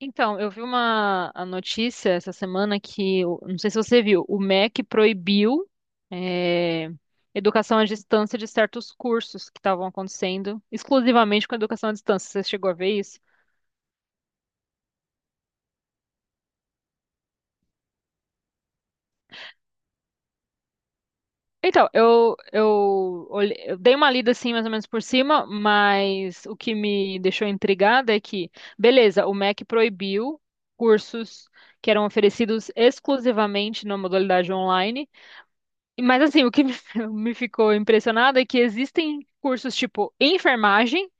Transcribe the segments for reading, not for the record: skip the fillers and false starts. Então, eu vi uma a notícia essa semana que, não sei se você viu, o MEC proibiu eh, educação à distância de certos cursos que estavam acontecendo exclusivamente com educação à distância. Você chegou a ver isso? Então, eu dei uma lida assim, mais ou menos por cima, mas o que me deixou intrigada é que, beleza, o MEC proibiu cursos que eram oferecidos exclusivamente na modalidade online. Mas assim, o que me me ficou impressionado é que existem cursos tipo enfermagem,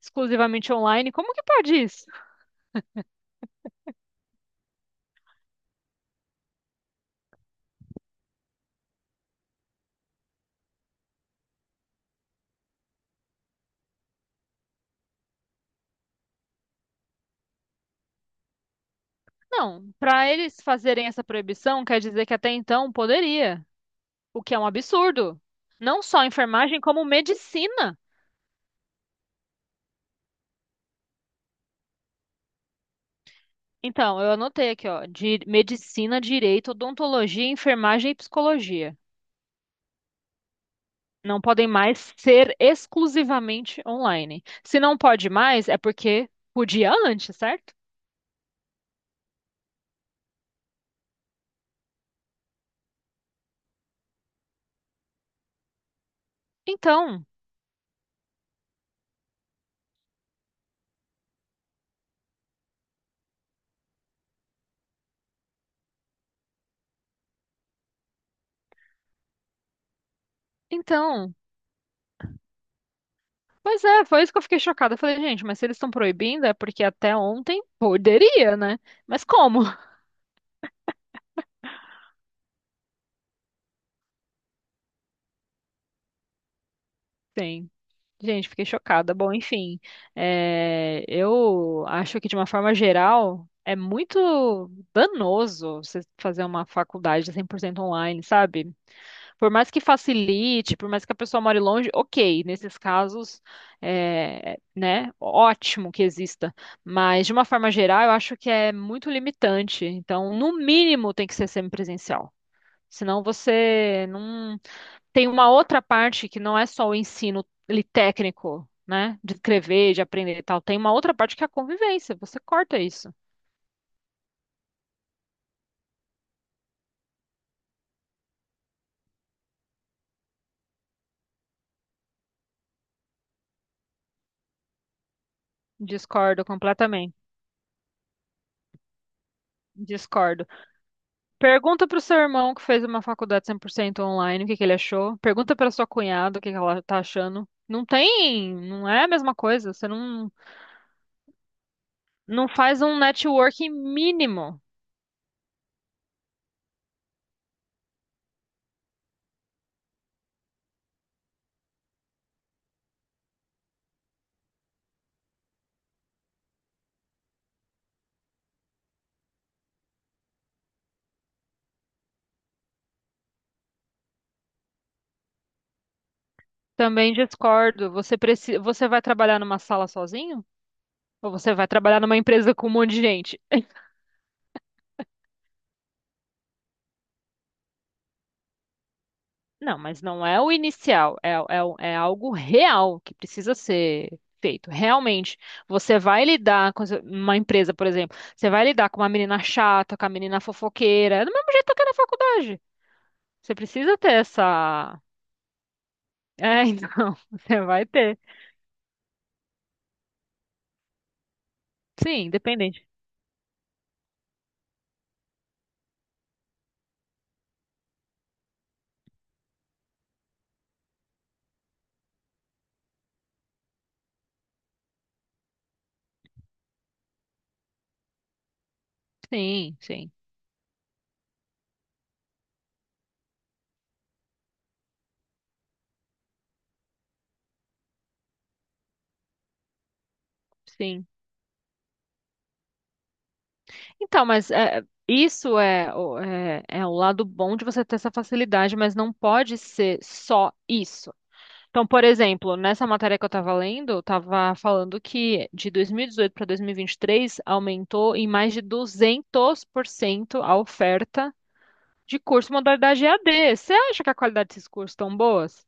exclusivamente online. Como que pode isso? Não, para eles fazerem essa proibição, quer dizer que até então poderia, o que é um absurdo. Não só enfermagem, como medicina. Então, eu anotei aqui, ó, de medicina, direito, odontologia, enfermagem e psicologia. Não podem mais ser exclusivamente online. Se não pode mais, é porque podia antes, certo? Então, então, Pois é, foi isso que eu fiquei chocada. Eu falei, gente, mas se eles estão proibindo é porque até ontem poderia, né? Mas como? Sim. Gente, fiquei chocada. Bom, enfim, é, eu acho que de uma forma geral é muito danoso você fazer uma faculdade 100% online, sabe? Por mais que facilite, por mais que a pessoa more longe, ok, nesses casos, é, né, ótimo que exista. Mas, de uma forma geral, eu acho que é muito limitante. Então, no mínimo, tem que ser semipresencial. Senão você não. Tem uma outra parte que não é só o ensino ali técnico, né, de escrever, de aprender e tal. Tem uma outra parte que é a convivência. Você corta isso. Discordo completamente. Discordo. Pergunta pro seu irmão que fez uma faculdade 100% online, o que que ele achou. Pergunta pra sua cunhada o que que ela tá achando. Não tem, não é a mesma coisa. Você não, não faz um networking mínimo. Também discordo. Você precisa, você vai trabalhar numa sala sozinho? Ou você vai trabalhar numa empresa com um monte de gente? Não, mas não é o inicial, é algo real que precisa ser feito. Realmente, você vai lidar com uma empresa, por exemplo, você vai lidar com uma menina chata, com a menina fofoqueira, é do mesmo jeito que é na faculdade. Você precisa ter essa. É, então, você vai ter. Sim, independente. Sim, sim, sim. Então, mas é, isso é, é o lado bom de você ter essa facilidade, mas não pode ser só isso. Então, por exemplo, nessa matéria que eu estava lendo, estava falando que de 2018 para 2023 aumentou em mais de 200% a oferta de curso modalidade EAD. Você acha que a qualidade desses cursos tão boas?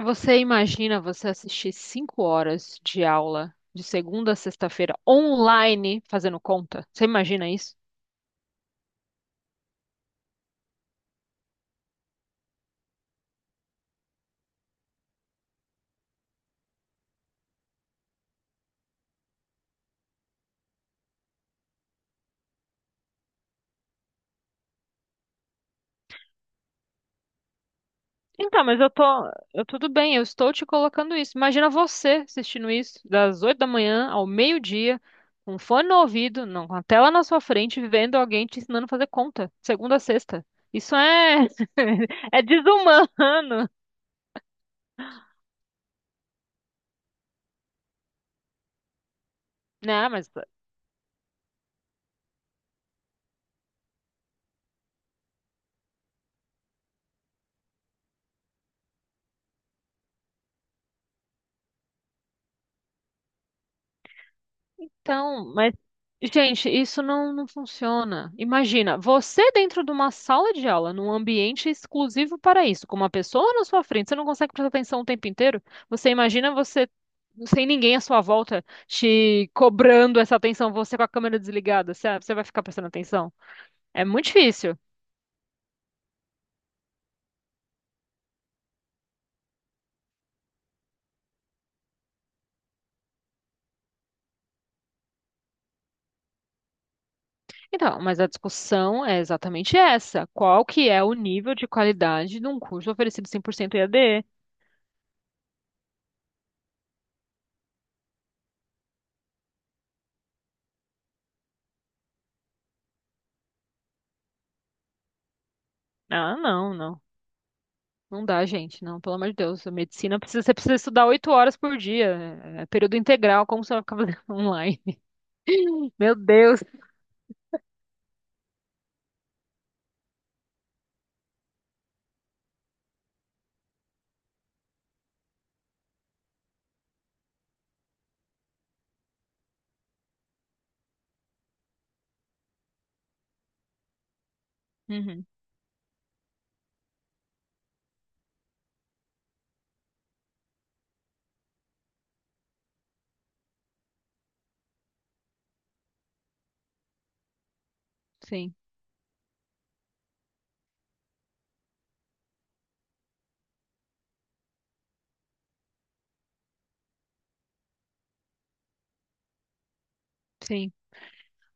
Você imagina você assistir 5 horas de aula de segunda a sexta-feira online fazendo conta? Você imagina. Então, mas eu tudo bem, eu estou te colocando isso. Imagina você assistindo isso das 8 da manhã ao meio-dia, com um fone no ouvido, não, com a tela na sua frente, vendo alguém te ensinando a fazer conta, segunda a sexta. Isso é é desumano. Não, mas. Então, mas, gente, isso não, não funciona. Imagina, você dentro de uma sala de aula, num ambiente exclusivo para isso, com uma pessoa na sua frente, você não consegue prestar atenção o tempo inteiro? Você imagina você sem ninguém à sua volta te cobrando essa atenção, você com a câmera desligada, você, você vai ficar prestando atenção? É muito difícil. Então, mas a discussão é exatamente essa. Qual que é o nível de qualidade de um curso oferecido 100% EAD? Ah, não, não. Não dá, gente, não, pelo amor de Deus. A medicina precisa, você precisa estudar 8 horas por dia, é período integral, como você vai ficar fazendo online? Meu Deus. Uhum, sim, sim.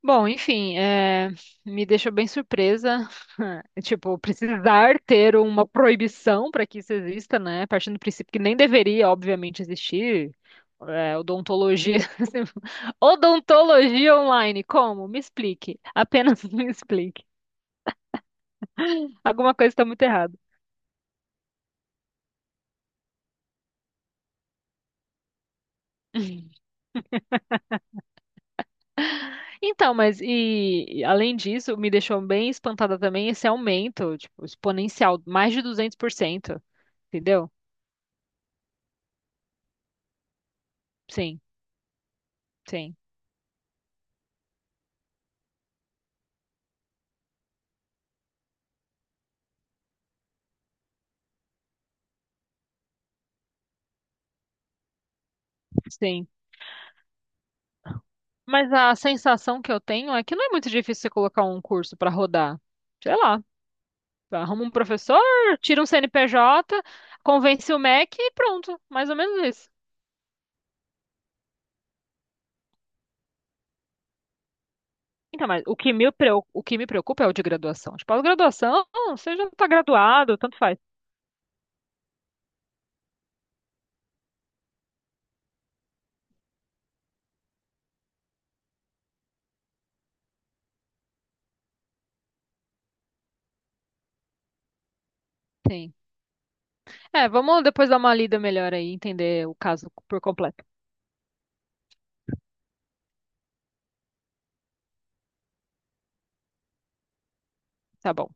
Bom, enfim, é, me deixou bem surpresa, tipo, precisar ter uma proibição para que isso exista, né? Partindo do princípio que nem deveria, obviamente, existir. É, odontologia. Odontologia online, como? Me explique. Apenas me explique. Alguma coisa está muito errada. Então, mas e além disso, me deixou bem espantada também esse aumento, tipo, exponencial, mais de 200%, entendeu? Sim, sim, sim. Mas a sensação que eu tenho é que não é muito difícil você colocar um curso para rodar. Sei lá, arruma um professor, tira um CNPJ, convence o MEC e pronto, mais ou menos isso. Então, mas o que me o que me preocupa é o de graduação. Tipo, a graduação, você já está graduado, tanto faz. Sim. É, vamos depois dar uma lida melhor aí, entender o caso por completo. Tá bom.